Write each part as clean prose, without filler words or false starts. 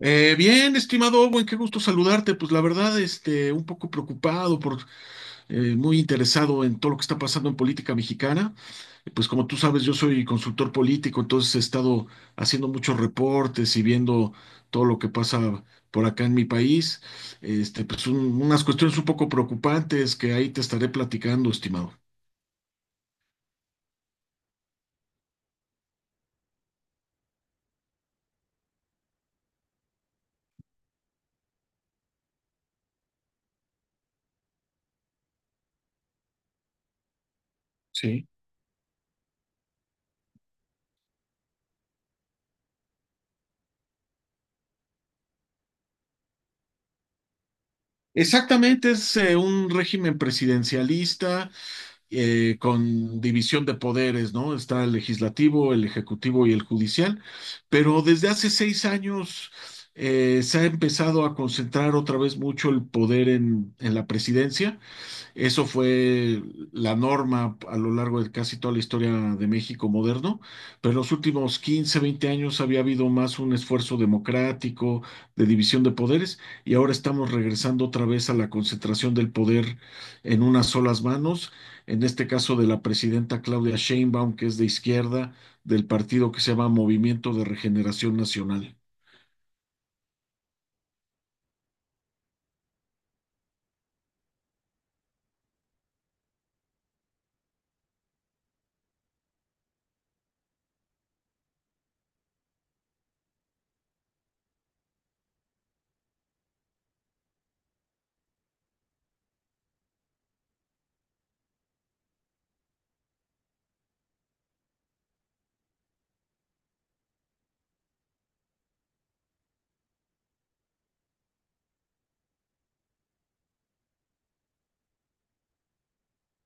Bien, estimado Owen, qué gusto saludarte. Pues la verdad, un poco preocupado muy interesado en todo lo que está pasando en política mexicana. Pues como tú sabes, yo soy consultor político, entonces he estado haciendo muchos reportes y viendo todo lo que pasa por acá en mi país. Pues unas cuestiones un poco preocupantes que ahí te estaré platicando, estimado. Sí, exactamente, es un régimen presidencialista, con división de poderes, ¿no? Está el legislativo, el ejecutivo y el judicial, pero desde hace 6 años se ha empezado a concentrar otra vez mucho el poder en la presidencia. Eso fue la norma a lo largo de casi toda la historia de México moderno, pero en los últimos 15 20 años había habido más un esfuerzo democrático de división de poderes, y ahora estamos regresando otra vez a la concentración del poder en unas solas manos, en este caso de la presidenta Claudia Sheinbaum, que es de izquierda, del partido que se llama Movimiento de Regeneración Nacional.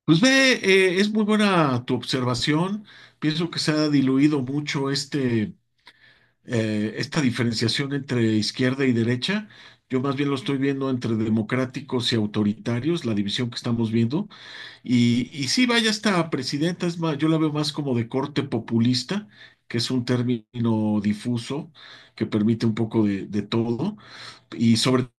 Pues ve, es muy buena tu observación. Pienso que se ha diluido mucho esta diferenciación entre izquierda y derecha. Yo más bien lo estoy viendo entre democráticos y autoritarios, la división que estamos viendo. Y sí, vaya, esta presidenta es más, yo la veo más como de corte populista, que es un término difuso que permite un poco de todo. Y sobre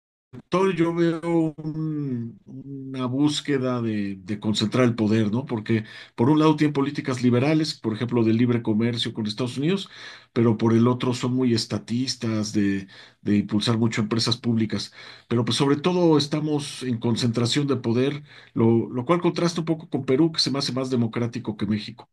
todo yo veo una búsqueda de concentrar el poder, ¿no? Porque por un lado tienen políticas liberales, por ejemplo, de libre comercio con Estados Unidos, pero por el otro son muy estatistas, de impulsar mucho empresas públicas. Pero pues sobre todo estamos en concentración de poder, lo cual contrasta un poco con Perú, que se me hace más democrático que México.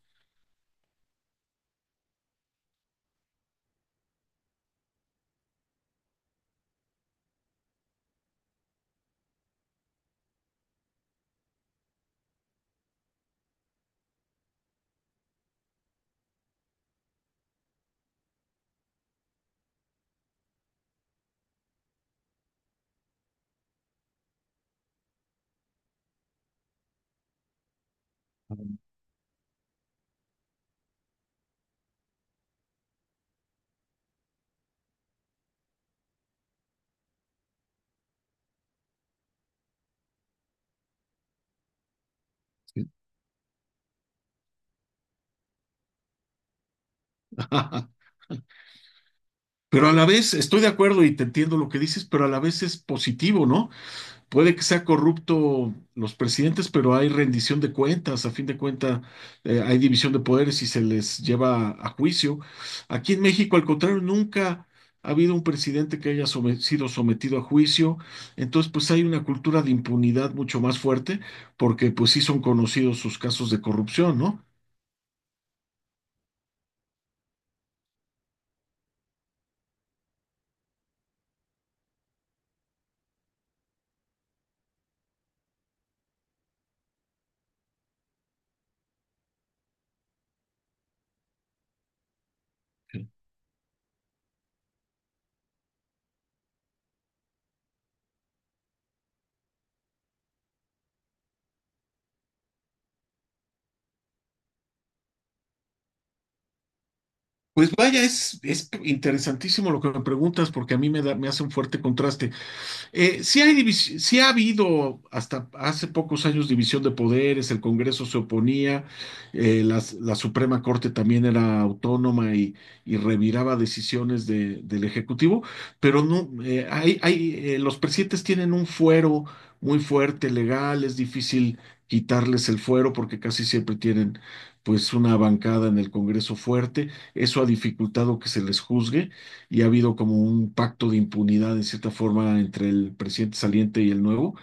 Pero a la vez estoy de acuerdo y te entiendo lo que dices, pero a la vez es positivo, ¿no? Puede que sea corrupto los presidentes, pero hay rendición de cuentas. A fin de cuentas, hay división de poderes y se les lleva a juicio. Aquí en México, al contrario, nunca ha habido un presidente que haya sido sometido a juicio. Entonces, pues hay una cultura de impunidad mucho más fuerte, porque pues sí son conocidos sus casos de corrupción, ¿no? Sí. Pues vaya, es interesantísimo lo que me preguntas porque a mí me da, me hace un fuerte contraste. Sí ha habido hasta hace pocos años división de poderes, el Congreso se oponía, Suprema Corte también era autónoma y reviraba decisiones del Ejecutivo, pero no, los presidentes tienen un fuero muy fuerte, legal, es difícil quitarles el fuero porque casi siempre tienen pues una bancada en el Congreso fuerte, eso ha dificultado que se les juzgue, y ha habido como un pacto de impunidad en cierta forma entre el presidente saliente y el nuevo,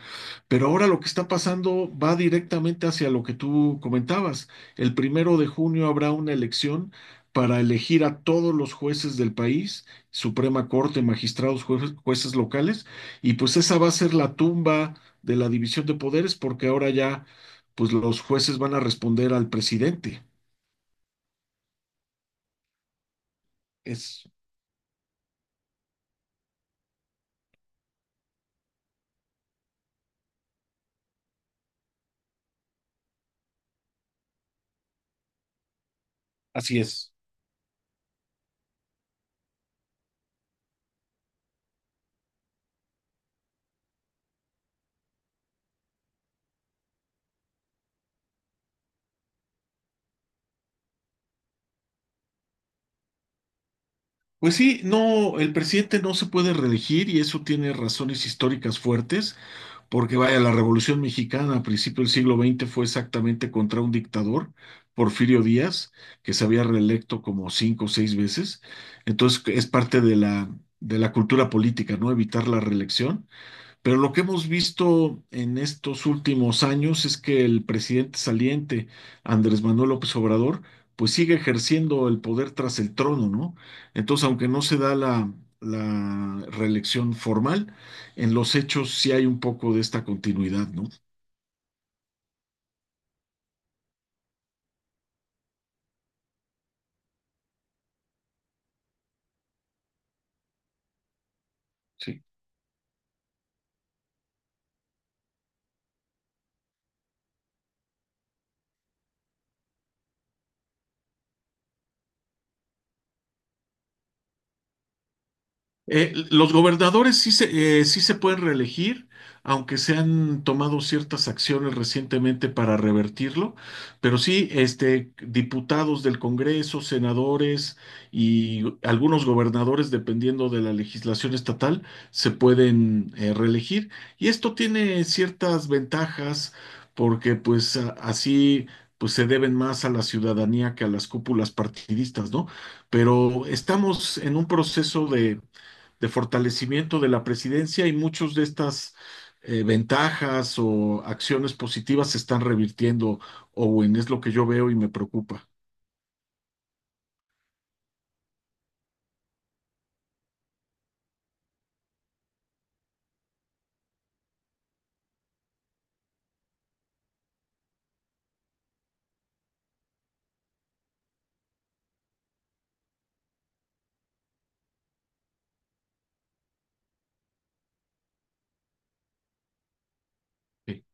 pero ahora lo que está pasando va directamente hacia lo que tú comentabas. El primero de junio habrá una elección para elegir a todos los jueces del país, Suprema Corte, magistrados, jueces, jueces locales, y pues esa va a ser la tumba de la división de poderes porque ahora ya pues los jueces van a responder al presidente. Es, Así es. Pues sí, no, el presidente no se puede reelegir y eso tiene razones históricas fuertes, porque vaya, la Revolución Mexicana a principios del siglo XX fue exactamente contra un dictador, Porfirio Díaz, que se había reelecto como cinco o seis veces. Entonces es parte de la cultura política, ¿no? Evitar la reelección. Pero lo que hemos visto en estos últimos años es que el presidente saliente, Andrés Manuel López Obrador, pues sigue ejerciendo el poder tras el trono, ¿no? Entonces, aunque no se da la reelección formal, en los hechos sí hay un poco de esta continuidad, ¿no? Sí. Los gobernadores sí se pueden reelegir, aunque se han tomado ciertas acciones recientemente para revertirlo, pero sí, diputados del Congreso, senadores y algunos gobernadores, dependiendo de la legislación estatal, se pueden reelegir. Y esto tiene ciertas ventajas porque pues así pues se deben más a la ciudadanía que a las cúpulas partidistas, ¿no? Pero estamos en un proceso de fortalecimiento de la presidencia y muchas de estas ventajas o acciones positivas se están revirtiendo, Owen, es lo que yo veo y me preocupa. Sí.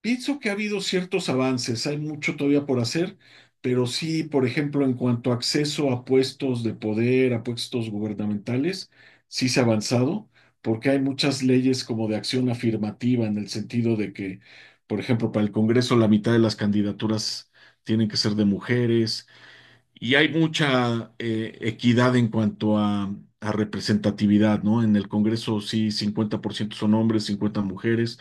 Pienso que ha habido ciertos avances, hay mucho todavía por hacer, pero sí, por ejemplo, en cuanto a acceso a puestos de poder, a puestos gubernamentales, sí se ha avanzado, porque hay muchas leyes como de acción afirmativa en el sentido de que, por ejemplo, para el Congreso la mitad de las candidaturas tienen que ser de mujeres. Y hay mucha equidad en cuanto a representatividad, ¿no? En el Congreso sí, 50% son hombres, 50 mujeres,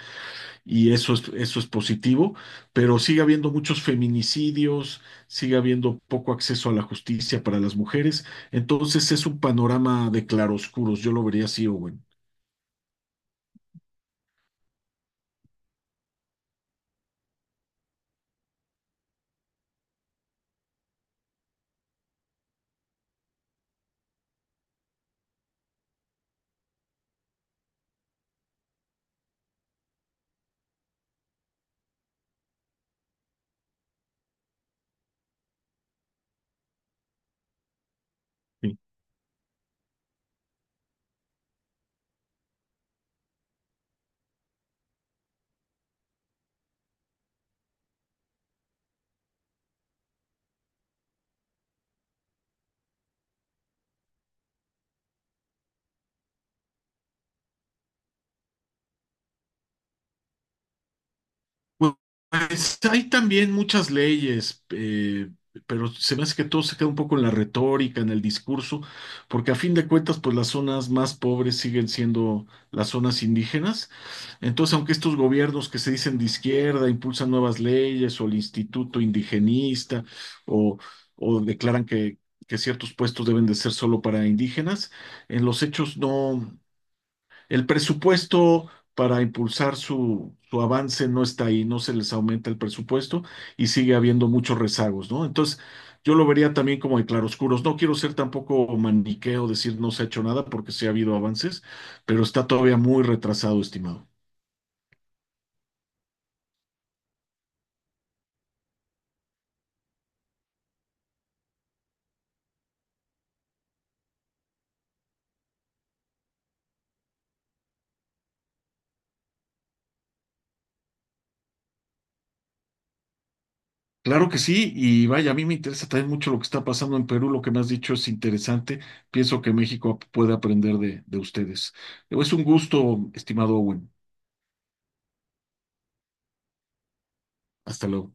y eso es positivo, pero sigue habiendo muchos feminicidios, sigue habiendo poco acceso a la justicia para las mujeres, entonces es un panorama de claroscuros, yo lo vería así, Owen. Sí. Pues hay también muchas leyes, pero se me hace que todo se queda un poco en la retórica, en el discurso, porque a fin de cuentas, pues las zonas más pobres siguen siendo las zonas indígenas. Entonces, aunque estos gobiernos que se dicen de izquierda impulsan nuevas leyes o el Instituto Indigenista o, o declaran que ciertos puestos deben de ser solo para indígenas, en los hechos no. El presupuesto para impulsar su avance no está ahí, no se les aumenta el presupuesto y sigue habiendo muchos rezagos, ¿no? Entonces, yo lo vería también como de claroscuros. No quiero ser tampoco maniqueo, decir no se ha hecho nada porque sí ha habido avances, pero está todavía muy retrasado, estimado. Claro que sí, y vaya, a mí me interesa también mucho lo que está pasando en Perú, lo que me has dicho es interesante, pienso que México puede aprender de ustedes. Es un gusto, estimado Owen. Hasta luego.